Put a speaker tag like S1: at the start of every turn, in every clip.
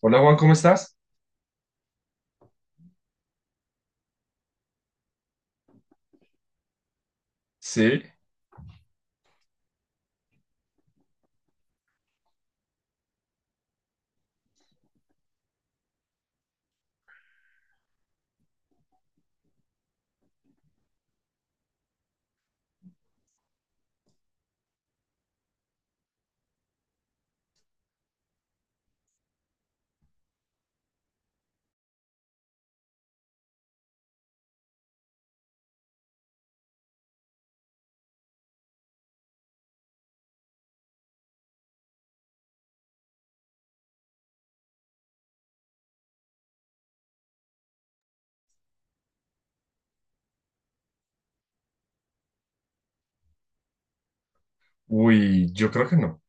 S1: Hola Juan, ¿cómo estás? Sí, uy, yo creo que no.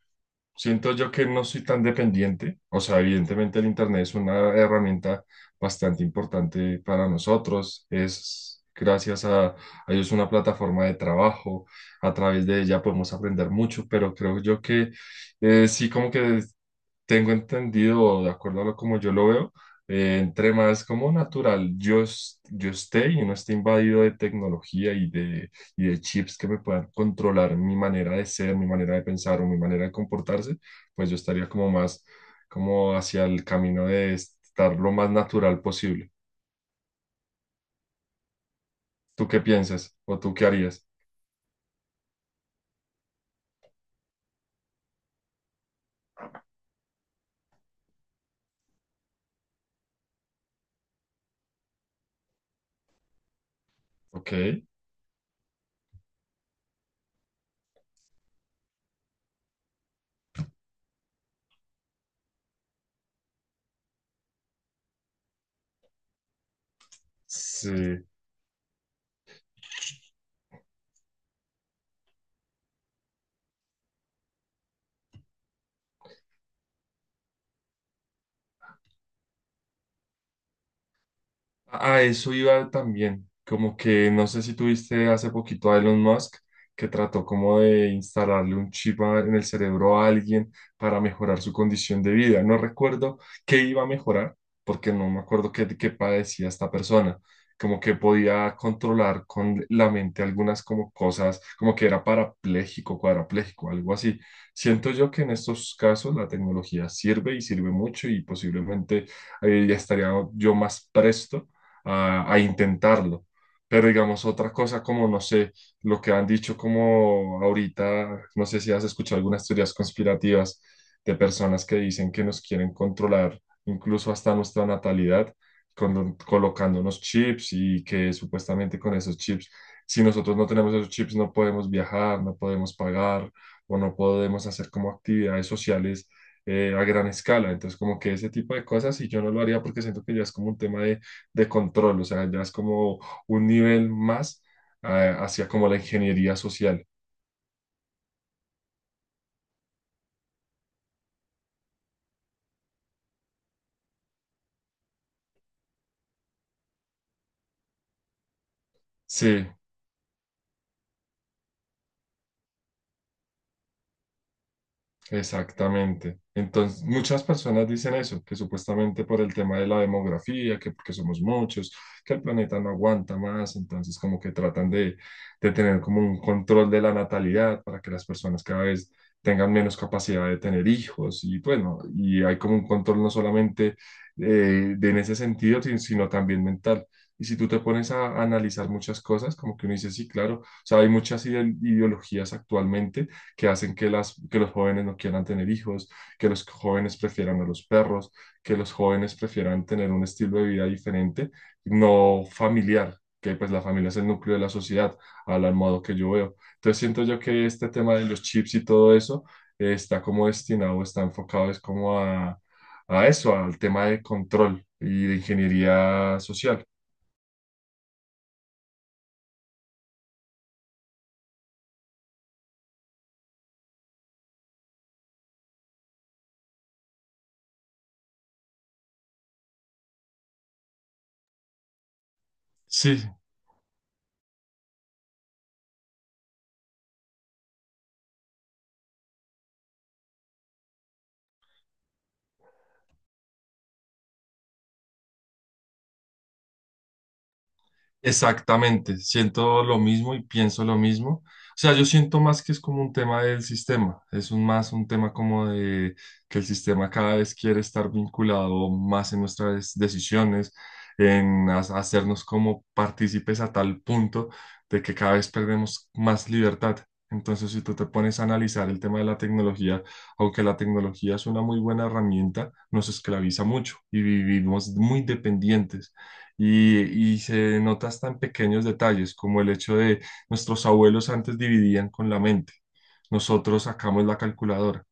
S1: Siento yo que no soy tan dependiente. O sea, evidentemente el Internet es una herramienta bastante importante para nosotros. Es gracias a ellos una plataforma de trabajo. A través de ella podemos aprender mucho, pero creo yo que sí, como que tengo entendido, de acuerdo a lo como yo lo veo, entre más como natural yo, yo esté y no esté invadido de tecnología y y de chips que me puedan controlar mi manera de ser, mi manera de pensar o mi manera de comportarse, pues yo estaría como más como hacia el camino de estar lo más natural posible. ¿Tú qué piensas? ¿O tú qué harías? Ok. Sí. A eso iba también, como que no sé si tuviste hace poquito a Elon Musk que trató como de instalarle un chip en el cerebro a alguien para mejorar su condición de vida. No recuerdo qué iba a mejorar, porque no me acuerdo qué padecía esta persona. Como que podía controlar con la mente algunas como cosas, como que era parapléjico, cuadrapléjico, algo así. Siento yo que en estos casos la tecnología sirve y sirve mucho y posiblemente ya estaría yo más presto a intentarlo. Pero digamos, otra cosa como, no sé, lo que han dicho como ahorita, no sé si has escuchado algunas teorías conspirativas de personas que dicen que nos quieren controlar incluso hasta nuestra natalidad, colocándonos chips y que supuestamente con esos chips, si nosotros no tenemos esos chips, no podemos viajar, no podemos pagar o no podemos hacer como actividades sociales a gran escala. Entonces, como que ese tipo de cosas, y yo no lo haría porque siento que ya es como un tema de control, o sea, ya es como un nivel más hacia como la ingeniería social. Sí. Exactamente. Entonces, muchas personas dicen eso, que supuestamente por el tema de la demografía, que porque somos muchos, que el planeta no aguanta más, entonces como que tratan de tener como un control de la natalidad para que las personas cada vez tengan menos capacidad de tener hijos y bueno, y hay como un control no solamente de en ese sentido, sino también mental. Y si tú te pones a analizar muchas cosas, como que uno dice, sí, claro, o sea, hay muchas ideologías actualmente que hacen que, las, que los jóvenes no quieran tener hijos, que los jóvenes prefieran a los perros, que los jóvenes prefieran tener un estilo de vida diferente, no familiar, que pues la familia es el núcleo de la sociedad, al modo que yo veo. Entonces siento yo que este tema de los chips y todo eso está como destinado, está enfocado es como a eso, al tema de control y de ingeniería social. Sí. Exactamente, siento lo mismo y pienso lo mismo. O sea, yo siento más que es como un tema del sistema, es un más un tema como de que el sistema cada vez quiere estar vinculado más en nuestras decisiones, en hacernos como partícipes a tal punto de que cada vez perdemos más libertad. Entonces, si tú te pones a analizar el tema de la tecnología, aunque la tecnología es una muy buena herramienta, nos esclaviza mucho y vivimos muy dependientes y, y se nota hasta en pequeños detalles, como el hecho de nuestros abuelos antes dividían con la mente, nosotros sacamos la calculadora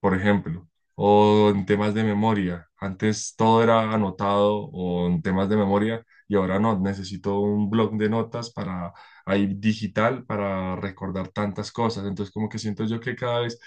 S1: por ejemplo, o en temas de memoria. Antes todo era anotado o en temas de memoria y ahora no, necesito un blog de notas para ahí digital para recordar tantas cosas. Entonces como que siento yo que cada vez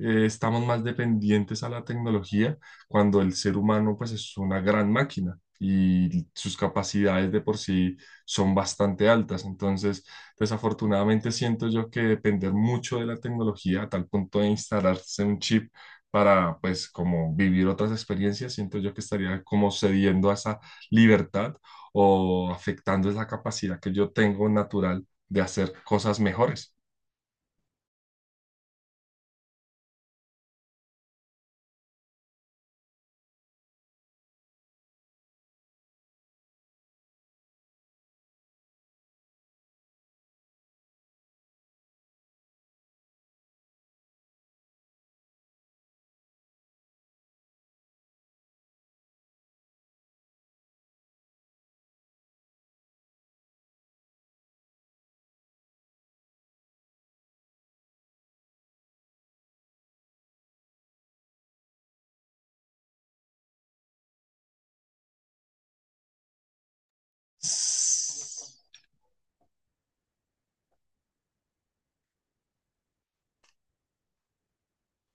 S1: estamos más dependientes a la tecnología cuando el ser humano pues es una gran máquina. Y sus capacidades de por sí son bastante altas. Entonces, desafortunadamente siento yo que depender mucho de la tecnología a tal punto de instalarse un chip para pues como vivir otras experiencias, siento yo que estaría como cediendo a esa libertad o afectando esa capacidad que yo tengo natural de hacer cosas mejores.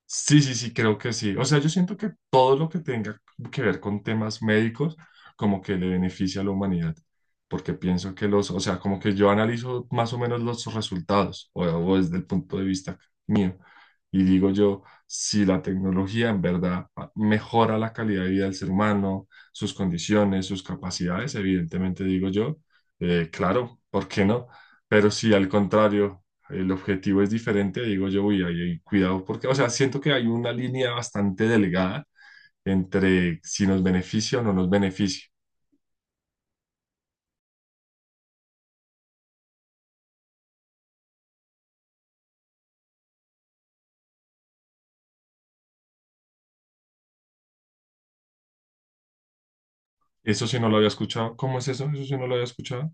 S1: Sí, sí, sí, creo que sí. O sea, yo siento que todo lo que tenga que ver con temas médicos, como que le beneficia a la humanidad, porque pienso que los, o sea, como que yo analizo más o menos los resultados, o desde el punto de vista mío, y digo yo, si la tecnología en verdad mejora la calidad de vida del ser humano, sus condiciones, sus capacidades, evidentemente digo yo, claro, ¿por qué no? Pero si al contrario el objetivo es diferente, digo yo, uy, ahí hay cuidado, porque, o sea, siento que hay una línea bastante delgada entre si nos beneficia o no nos beneficia. Eso sí no lo había escuchado. ¿Cómo es eso? Eso sí no lo había escuchado.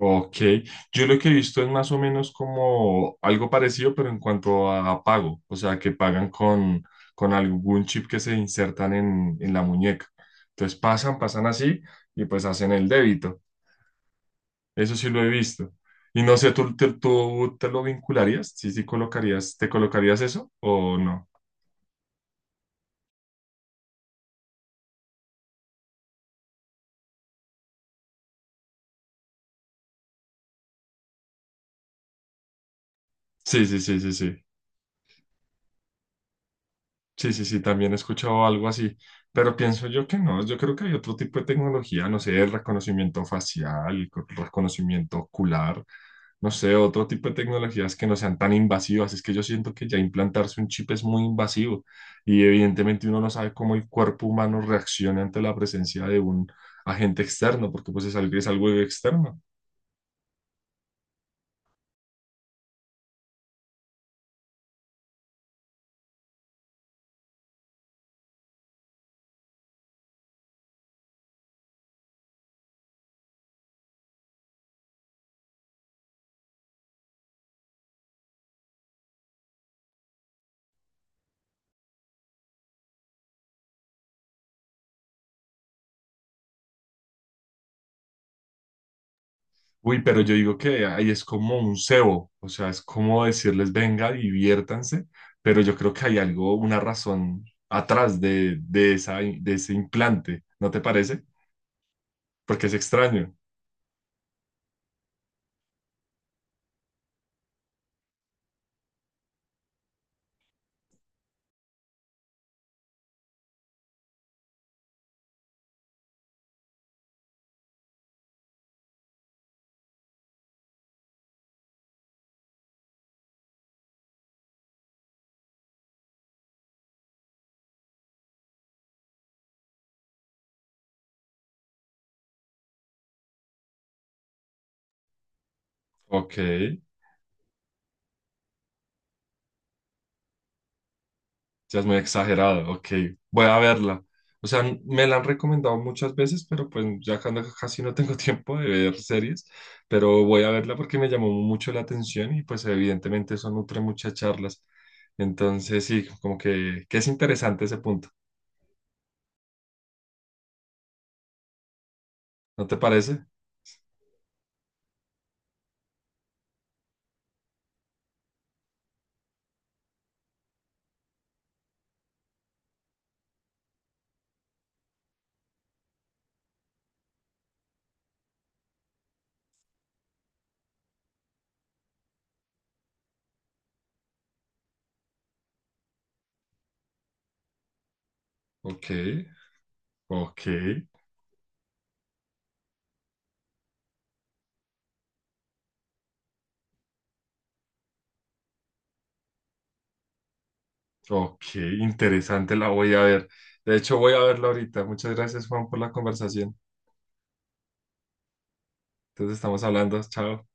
S1: Ok, yo lo que he visto es más o menos como algo parecido, pero en cuanto a pago, o sea, que pagan con algún chip que se insertan en la muñeca. Entonces pasan, pasan así y pues hacen el débito. Eso sí lo he visto. Y no sé, ¿tú te lo vincularías? ¿Sí, sí colocarías, te colocarías eso o no? Sí, sí, sí, sí, sí. Sí, sí, sí, también he escuchado algo así, pero pienso yo que no, yo creo que hay otro tipo de tecnología, no sé, reconocimiento facial, reconocimiento ocular, no sé, otro tipo de tecnologías que no sean tan invasivas. Es que yo siento que ya implantarse un chip es muy invasivo y evidentemente uno no sabe cómo el cuerpo humano reacciona ante la presencia de un agente externo, porque pues es algo externo. Uy, pero yo digo que ahí es como un cebo, o sea, es como decirles, venga, diviértanse, pero yo creo que hay algo, una razón atrás de esa, de ese implante, ¿no te parece? Porque es extraño. Ok. Ya es muy exagerado, ok, voy a verla. O sea, me la han recomendado muchas veces, pero pues ya cuando casi no tengo tiempo de ver series, pero voy a verla porque me llamó mucho la atención y pues evidentemente eso nutre muchas charlas. Entonces sí, como que es interesante ese punto, ¿no te parece? Ok, ok, ok, interesante, la voy a ver. De hecho, voy a verla ahorita. Muchas gracias, Juan, por la conversación. Entonces estamos hablando, chao.